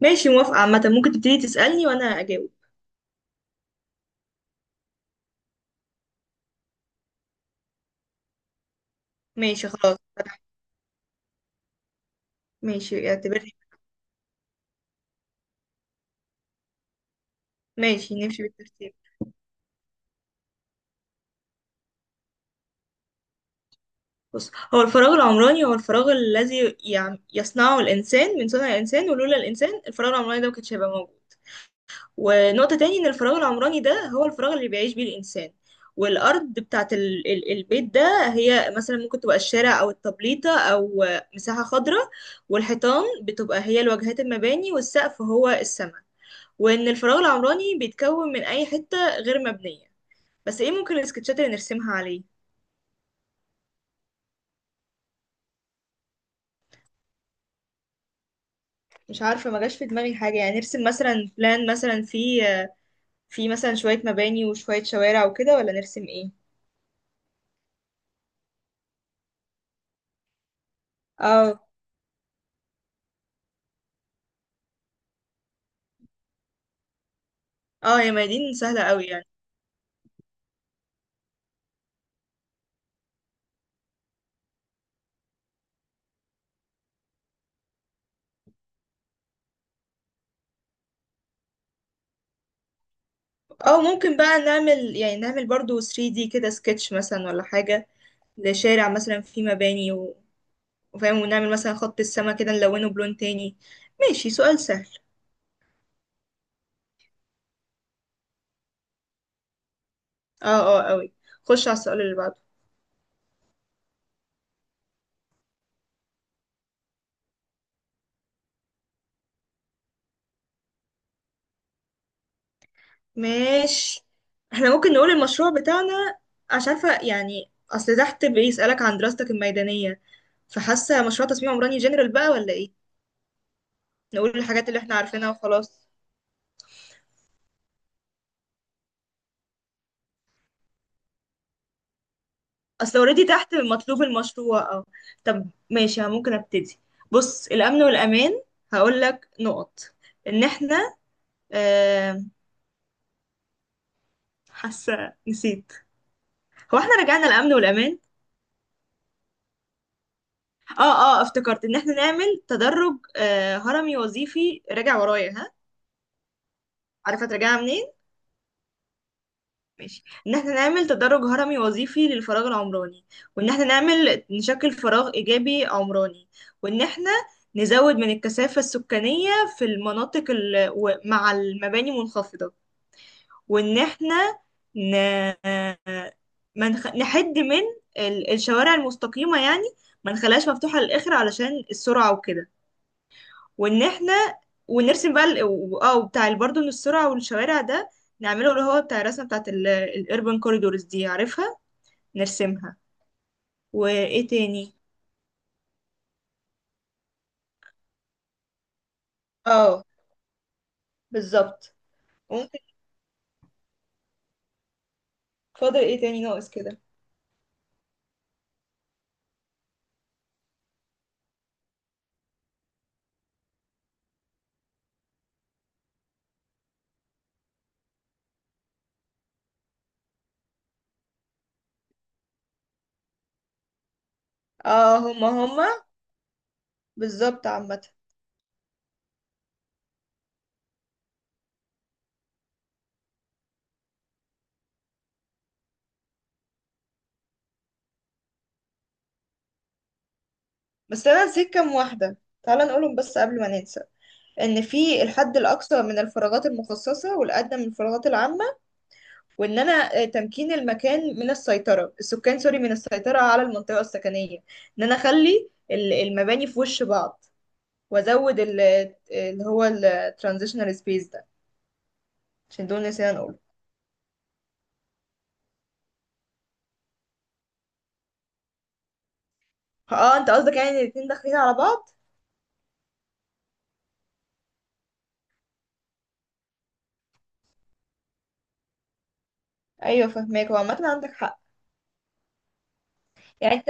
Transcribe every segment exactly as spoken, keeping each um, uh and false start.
ماشي، موافقة عامة. ممكن تبتدي تسألني وأنا أجاوب. ماشي خلاص. ماشي اعتبرني. ماشي نمشي بالترتيب. بص، هو الفراغ العمراني هو الفراغ الذي يع- يصنعه الإنسان، من صنع الإنسان، ولولا الإنسان الفراغ العمراني ده ما كانش هيبقى موجود. ونقطة تاني إن الفراغ العمراني ده هو الفراغ اللي بيعيش بيه الإنسان. والأرض بتاعة ال- ال- البيت ده هي مثلا ممكن تبقى الشارع أو التبليطة أو مساحة خضراء. والحيطان بتبقى هي الواجهات المباني، والسقف هو السماء. وان الفراغ العمراني بيتكون من اي حتة غير مبنية. بس ايه ممكن السكتشات اللي نرسمها عليه؟ مش عارفة، ما جاش في دماغي حاجة، يعني نرسم مثلا بلان مثلا في في مثلا شوية مباني وشوية شوارع وكده، ولا نرسم ايه؟ اه، اه يا ميادين سهلة قوي يعني. اه ممكن بقى نعمل، يعني نعمل برضو ثري دي كده سكتش مثلا ولا حاجة، لشارع مثلا فيه مباني و... وفاهم، ونعمل مثلا خط السما كده نلونه بلون تاني. ماشي سؤال سهل. اه، اه قوي. خش على السؤال اللي بعده. ماشي. احنا ممكن نقول المشروع بتاعنا، عشان عارفة يعني اصل تحت بيسألك عن دراستك الميدانية، فحاسة مشروع تصميم عمراني جنرال بقى ولا ايه؟ نقول الحاجات اللي احنا عارفينها وخلاص. اصل اوريدي تحت مطلوب المشروع، اه. طب ماشي، ها، ممكن ابتدي. بص، الامن والامان هقولك نقط. ان احنا، آه حاسة نسيت. هو احنا رجعنا الامن والامان؟ اه اه، افتكرت. ان احنا نعمل تدرج آه هرمي وظيفي، راجع ورايا ها. عارفة ترجعها منين. ماشي، ان احنا نعمل تدرج هرمي وظيفي للفراغ العمراني، وان احنا نعمل نشكل فراغ ايجابي عمراني، وان احنا نزود من الكثافة السكانية في المناطق ال... و- مع المباني منخفضة. وان احنا ن... ما نخ... نحد من ال- الشوارع المستقيمة يعني، ما نخليهاش مفتوحة للآخر علشان السرعة وكده. وان احنا ونرسم بقى ال- و- اه بتاع برضه ان السرعه والشوارع ده، نعمله اللي هو بتاع الرسمه بتاعت الاربن كوريدورز دي، عارفها، نرسمها. وايه تاني. اه بالظبط. وممكن، فاضل ايه تاني ناقص كده. اه، هما هما بالظبط عامه. بس انا نسيت كام واحده، تعالى نقولهم بس قبل ما ننسى. ان في الحد الاقصى من الفراغات المخصصه والادنى من الفراغات العامه. وان انا، آه، تمكين المكان من السيطره السكان، سوري، من السيطره على المنطقه السكنيه. ان انا اخلي ال- المباني في وش بعض، وازود ال- اللي هو الترانزيشنال سبيس ده، عشان دول نسينا نقول. اه انت قصدك يعني الاتنين داخلين على بعض. ايوه فهماك، هو عامه عندك حق. يعني انت،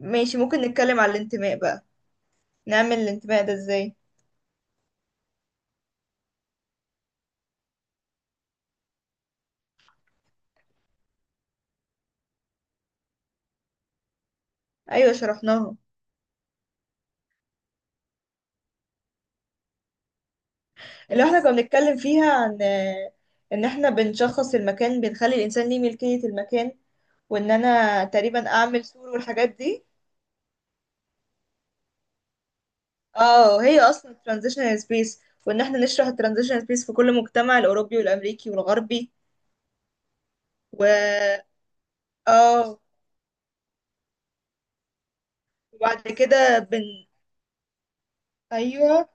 ماشي ممكن نتكلم على الانتماء بقى. نعمل الانتماء ده ازاي. ايوه شرحناها. اللي احنا كنا بنتكلم فيها عن آه، ان احنا بنشخص المكان، بنخلي الانسان ليه ملكية المكان، وان انا تقريبا اعمل سور والحاجات دي. اه هي اصلا ترانزيشنال سبيس، وان احنا نشرح الترانزيشنال سبيس في كل مجتمع الاوروبي والامريكي والغربي. و اه وبعد كده بن، ايوه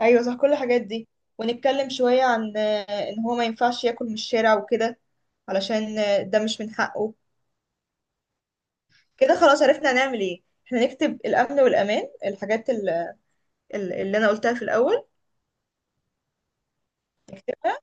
ايوه صح كل الحاجات دي. ونتكلم شوية عن آه، ان هو ما ينفعش ياكل من الشارع وكده، علشان آه، ده مش من حقه. كده خلاص عرفنا هنعمل ايه، احنا نكتب الامن والامان الحاجات ال- ال- اللي انا قلتها في الاول، نكتبها.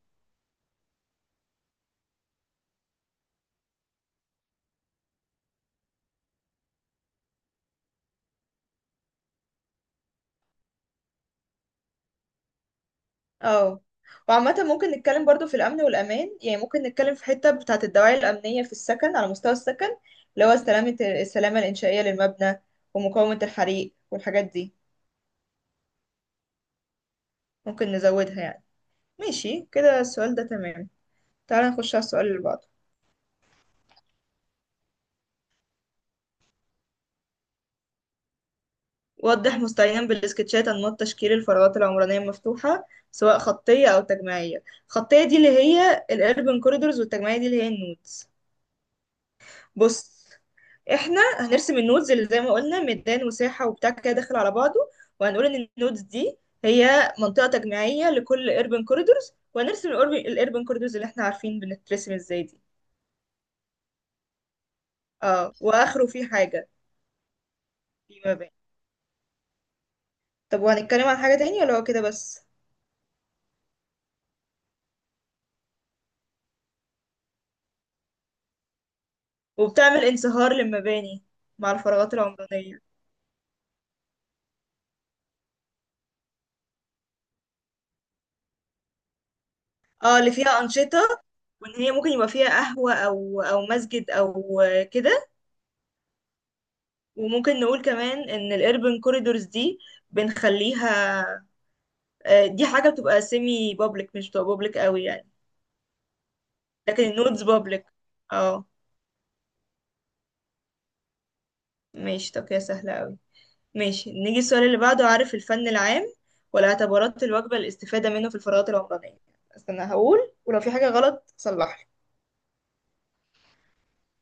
اه، وعامة ممكن نتكلم برضو في الأمن والأمان. يعني ممكن نتكلم في حتة بتاعة الدواعي الأمنية في السكن، على مستوى السكن، اللي هو سلامة، السلامة الإنشائية للمبنى، ومقاومة الحريق والحاجات دي. ممكن نزودها يعني. ماشي كده السؤال ده تمام. تعالى نخش على السؤال اللي بعده. وضح مستعينا بالسكتشات أنماط تشكيل الفراغات العمرانية المفتوحة، سواء خطية أو تجميعية. الخطية دي اللي هي الأربن كوريدورز، والتجميعية دي اللي هي النودز. بص، احنا هنرسم النودز اللي زي ما قلنا، ميدان وساحة وبتاع كده داخل على بعضه، وهنقول ان النودز دي هي منطقة تجميعية لكل urban corridors. وهنرسم الأربن corridors اللي احنا عارفين بنترسم ازاي دي. اه واخره في حاجة، في مباني. طب وهنتكلم عن حاجة تانية ولا هو كده بس؟ وبتعمل انصهار للمباني مع الفراغات العمرانية. اه اللي فيها أنشطة، وإن هي ممكن يبقى فيها قهوة أو أو مسجد أو كده. وممكن نقول كمان إن الأربن كوريدورز دي بنخليها، آه، دي حاجة بتبقى سيمي بابليك، مش بتبقى بابليك قوي يعني، لكن النودز بابليك. اه ماشي، طب كده سهلة قوي. ماشي نيجي السؤال اللي بعده. عارف الفن العام والاعتبارات الواجبة للاستفادة منه في الفراغات العمرانية. استنى هقول ولو في حاجة غلط صلحلي.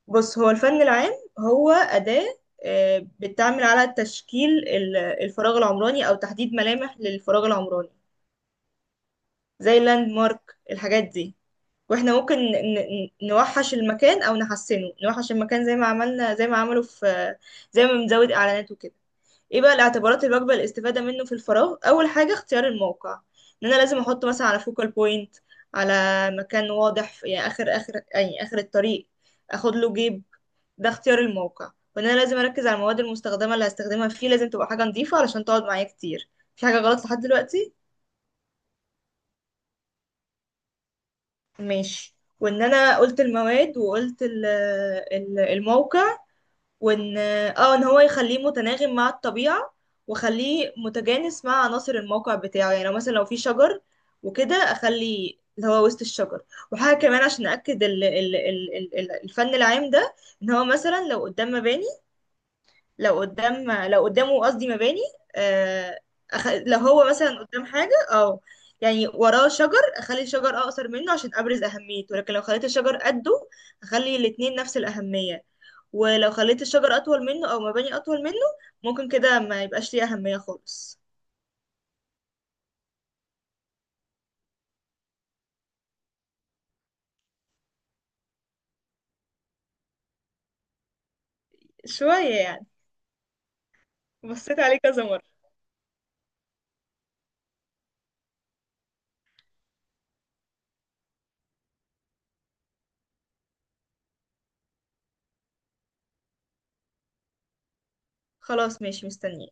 بص، هو الفن العام هو أداة، آه، بتعمل على تشكيل ال- الفراغ العمراني أو تحديد ملامح للفراغ العمراني، زي اللاند مارك الحاجات دي. واحنا ممكن ن- ن- نوحش المكان أو نحسنه، نوحش المكان زي ما عملنا، زي ما عملوا في، زي ما بنزود إعلانات وكده. ايه بقى الاعتبارات اللي بقبل الاستفادة منه في الفراغ. أول حاجة اختيار الموقع، إن أنا لازم أحطه مثلا على فوكال بوينت، على مكان واضح في، يعني آخر آخر يعني آخر الطريق، أخد له جيب. ده اختيار الموقع. وان انا لازم اركز على المواد المستخدمه، اللي هستخدمها فيه لازم تبقى حاجه نظيفه علشان تقعد معايا كتير. في حاجه غلط لحد دلوقتي؟ ماشي. وان انا قلت المواد وقلت ال- ال- الموقع، وان اه ان هو يخليه متناغم مع الطبيعه، وخليه متجانس مع عناصر الموقع بتاعه، يعني لو مثلا لو في شجر وكده اخلي اللي هو وسط الشجر. وحاجه كمان عشان اكد ال ال ال ال- الفن العام ده، ان هو مثلا لو قدام مباني، لو قدام، لو قدامه قصدي مباني، آه، أخ... لو هو مثلا قدام حاجة أو، يعني وراه شجر، أخلي الشجر أقصر منه عشان أبرز أهميته. لكن لو خليت الشجر قده، أخلي الاتنين نفس الأهمية. ولو خليت الشجر أطول منه أو مباني أطول منه، ممكن كده ما يبقاش ليه أهمية خالص. شوية يعني. بصيت عليه كذا مرة. خلاص ماشي مستنية.